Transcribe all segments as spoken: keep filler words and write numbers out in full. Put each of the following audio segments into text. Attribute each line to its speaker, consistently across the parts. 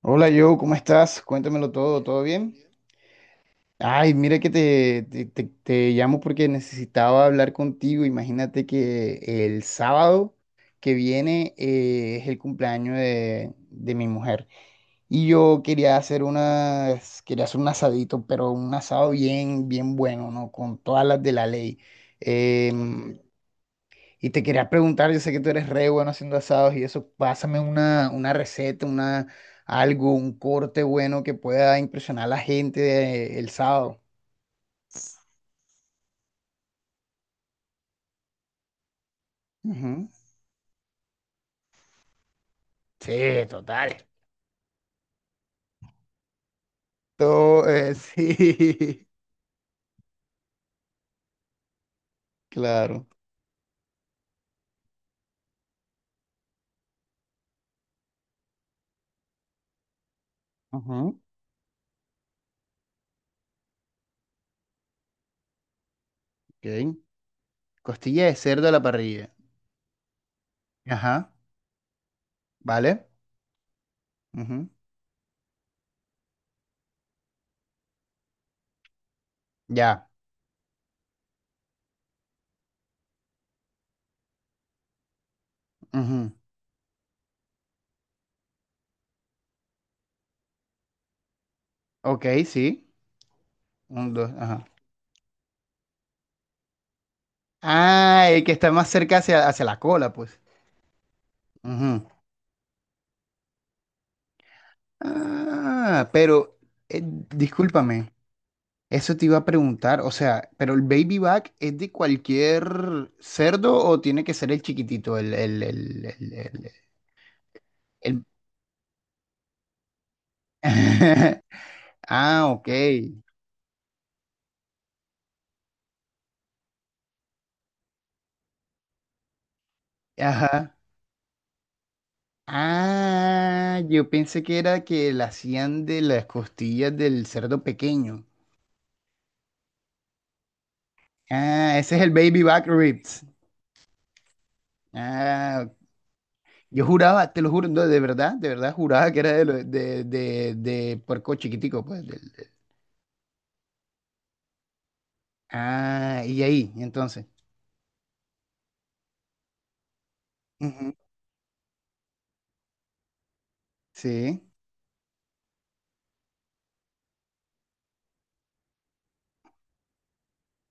Speaker 1: Hola Joe, ¿cómo estás? Cuéntamelo todo, ¿todo bien? Ay, mira que te, te, te- te llamo porque necesitaba hablar contigo. Imagínate que el sábado que viene eh, es el cumpleaños de, de mi mujer. Y yo quería hacer unas, quería hacer un asadito, pero un asado bien, bien bueno, ¿no? Con todas las de la ley. Em, y te quería preguntar, yo sé que tú eres re bueno haciendo asados y eso, pásame una, una receta, una, algo, un corte bueno que pueda impresionar a la gente de- el sábado. Ujú. Sí, total. Todo, eh, sí, claro. Ujú, ok. Costilla de cerdo a la parrilla. Ajá, vale. Ujú, ya. Ujú. Ok, sí. Un, dos, ajá. Ah, el que está más cerca hacia, hacia la cola, pues. Ujú. Ah, pero eh, discúlpame, eso te iba a preguntar, o sea, ¿pero el baby back es de cualquier cerdo o tiene que ser el chiquitito, el, el, el, el, el- el- Ah, ok, ajá. Ah, yo pensé que era que la hacían de las costillas del cerdo pequeño. Ah, ese es el baby back ribs. Ah, yo juraba, te lo juro, no, de verdad, de verdad juraba que era de, lo- de, de, de puerco chiquitico, pues. del- del- Ah, y ahí, entonces. Ujú. Sí,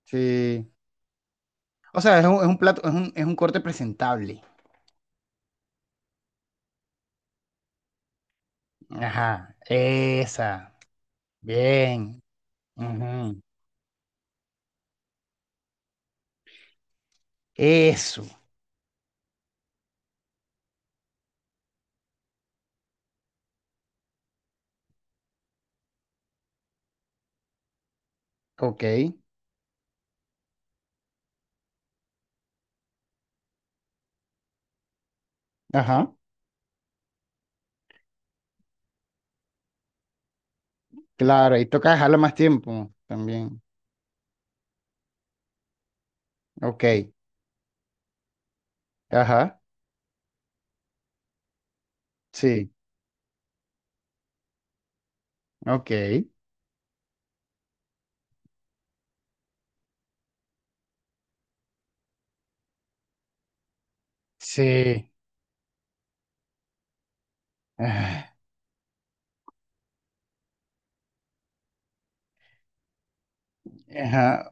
Speaker 1: sí. O sea, es un, es un plato, es un, es un corte presentable. Ajá, esa. Bien. Ujú. Eso. Ok. Ajá. Claro, y toca dejarlo más tiempo también. Ok. Ajá. Sí. Ok. Sí. Ah, ajá.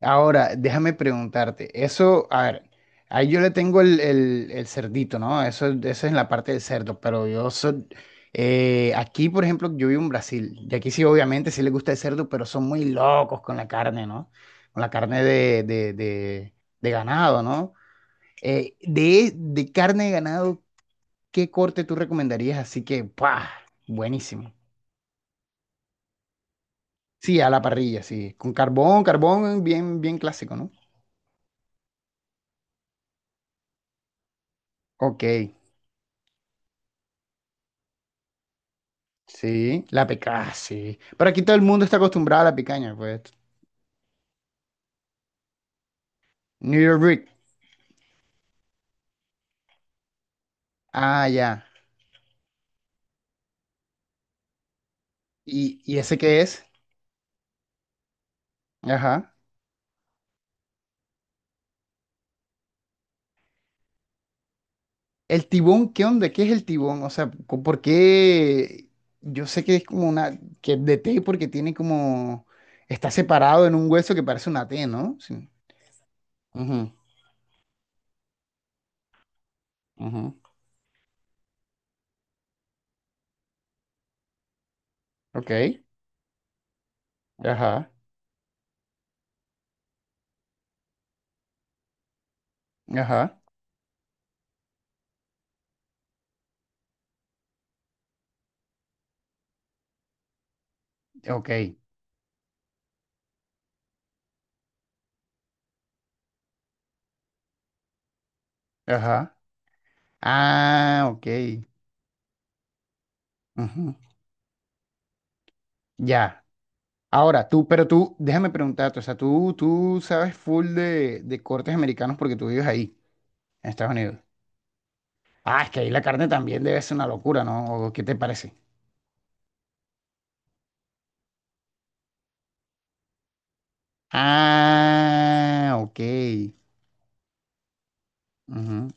Speaker 1: Ahora, déjame preguntarte, eso, a ver, ahí yo le tengo el, el- el cerdito, ¿no? Eso, eso es la parte del cerdo, pero yo soy, eh, aquí, por ejemplo, yo vivo en Brasil, y aquí sí, obviamente, sí le gusta el cerdo, pero son muy locos con la carne, ¿no? Con la carne de, de- de- de ganado, ¿no? Eh, de, de carne de ganado, ¿qué corte tú recomendarías? Así que, ¡pah! Buenísimo. Sí, a la parrilla, sí, con carbón, carbón bien, bien clásico, ¿no? Ok. Sí, la picaña, sí. Pero aquí todo el mundo está acostumbrado a la picaña, pues. New York Brick. Ah, ya. ¿Y, y ese qué es? Ajá. El tibón, ¿qué onda? ¿Qué es el tibón? O sea, co- ¿por qué? Yo sé que es como una, que es de T porque tiene como, está separado en un hueso que parece una T, ¿no? Sí. Ujú, ujú. Ok. Ajá. Ajá. Ok. Ajá. Ah, ok. Ujú. Ya. Ahora, tú, pero tú, déjame preguntarte, o sea, tú, tú sabes full de, de cortes americanos porque tú vives ahí, en Estados Unidos. Ah, es que ahí la carne también debe ser una locura, ¿no? ¿O qué te parece? Ah, ok. Ujú.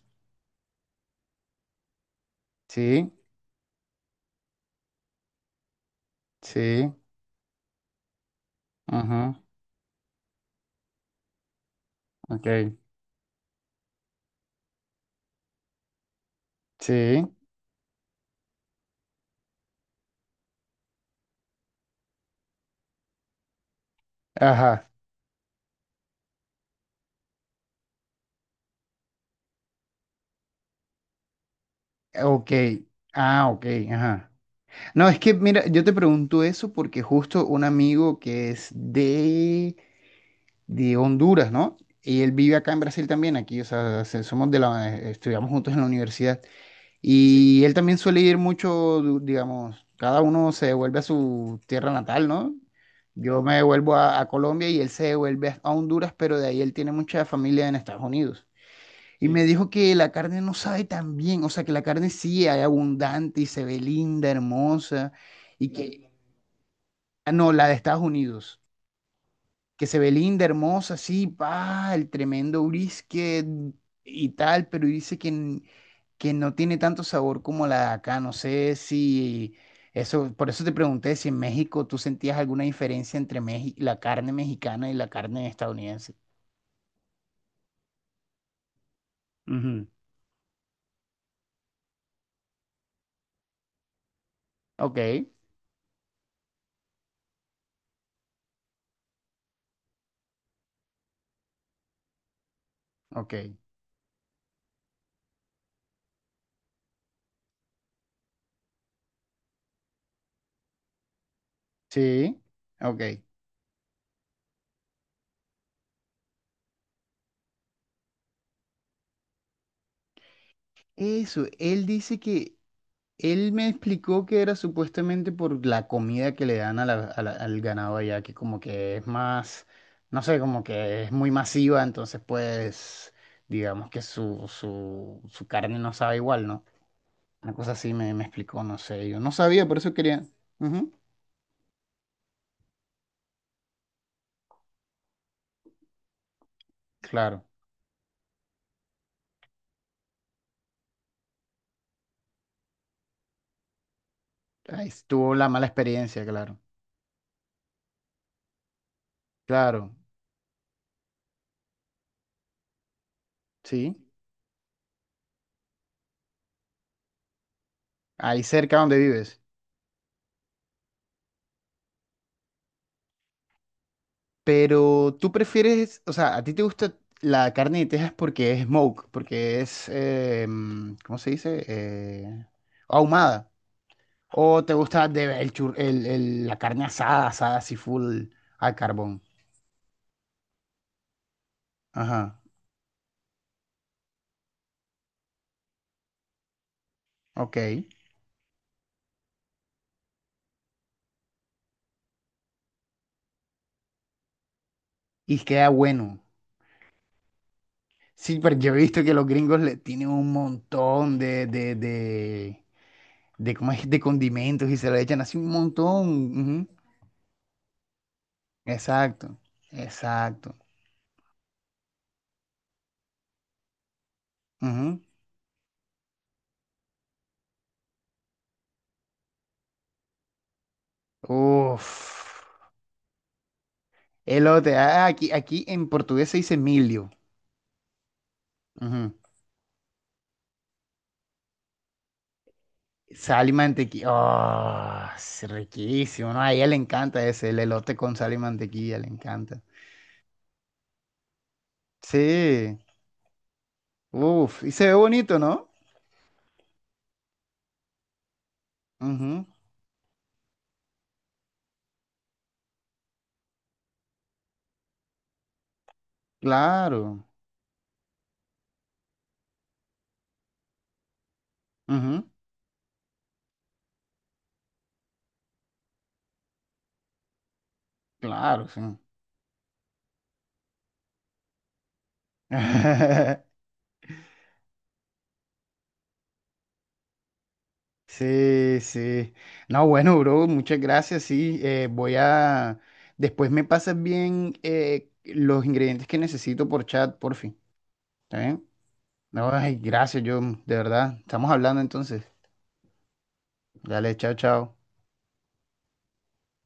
Speaker 1: Sí, sí. Ajá. Ok. Sí. Ajá. Ok. Ah, ok. Ajá. No, es que, mira, yo te pregunto eso porque justo un amigo que es de... de Honduras, ¿no? Y él vive acá en Brasil también, aquí, o sea, se- somos de la, eh, estudiamos juntos en la universidad. Y él también suele ir mucho, du- digamos, cada uno se devuelve a su tierra natal, ¿no? Yo me devuelvo a, a Colombia y él se devuelve a a Honduras, pero de ahí él tiene mucha familia en Estados Unidos. Y sí, me dijo que la carne no sabe tan bien, o sea, que la carne sí es abundante y se ve linda, hermosa, y que... Ah, no, la de Estados Unidos que se ve linda, hermosa, sí, pa, el tremendo brisket y tal, pero dice que, n- que no tiene tanto sabor como la de acá. No sé si eso, por eso te pregunté si en México tú sentías alguna diferencia entre Meji- la carne mexicana y la carne estadounidense. Ujú. Ok, ok. Sí, ok. Eso, él dice que él me explicó que era supuestamente por la comida que le dan a la- a la- al ganado allá, que como que es más, no sé, como que es muy masiva, entonces pues digamos que su, su, su carne no sabe igual, ¿no? Una cosa así me, me explicó, no sé, yo no sabía, por eso quería... Ujú, claro, ahí estuvo la mala experiencia, claro, claro, sí, ahí cerca donde vives. Pero tú prefieres, o sea, a ti te gusta la carne de Texas porque es smoke, porque es, eh, mm, ¿cómo se dice? Eh, ahumada. O te gusta de, el chur- el- el- la carne asada, asada así full al carbón. Ajá, ok. Y queda bueno. Sí, pero yo he visto que los gringos le tienen un montón de, de, de, de, ¿cómo es? De condimentos y se lo echan así un montón. Ujú. Exacto, exacto. Ujú. Uf. Elote, ah, aquí, aquí en portugués se dice milho. Ujú. Sal y mantequilla. Oh, es riquísimo, ¿no? A ella le encanta ese, el elote con sal y mantequilla, le encanta. Sí, uff, y se ve bonito, ¿no? Ujú, claro, ujú, claro, sí. Sí, sí. No, bueno, bro, muchas gracias, sí. Eh, voy a... Después me pasas bien eh, los ingredientes que necesito por chat, por fin. ¿Está bien? No, ay, gracias, yo, de verdad. Estamos hablando entonces. Dale, chao, chao.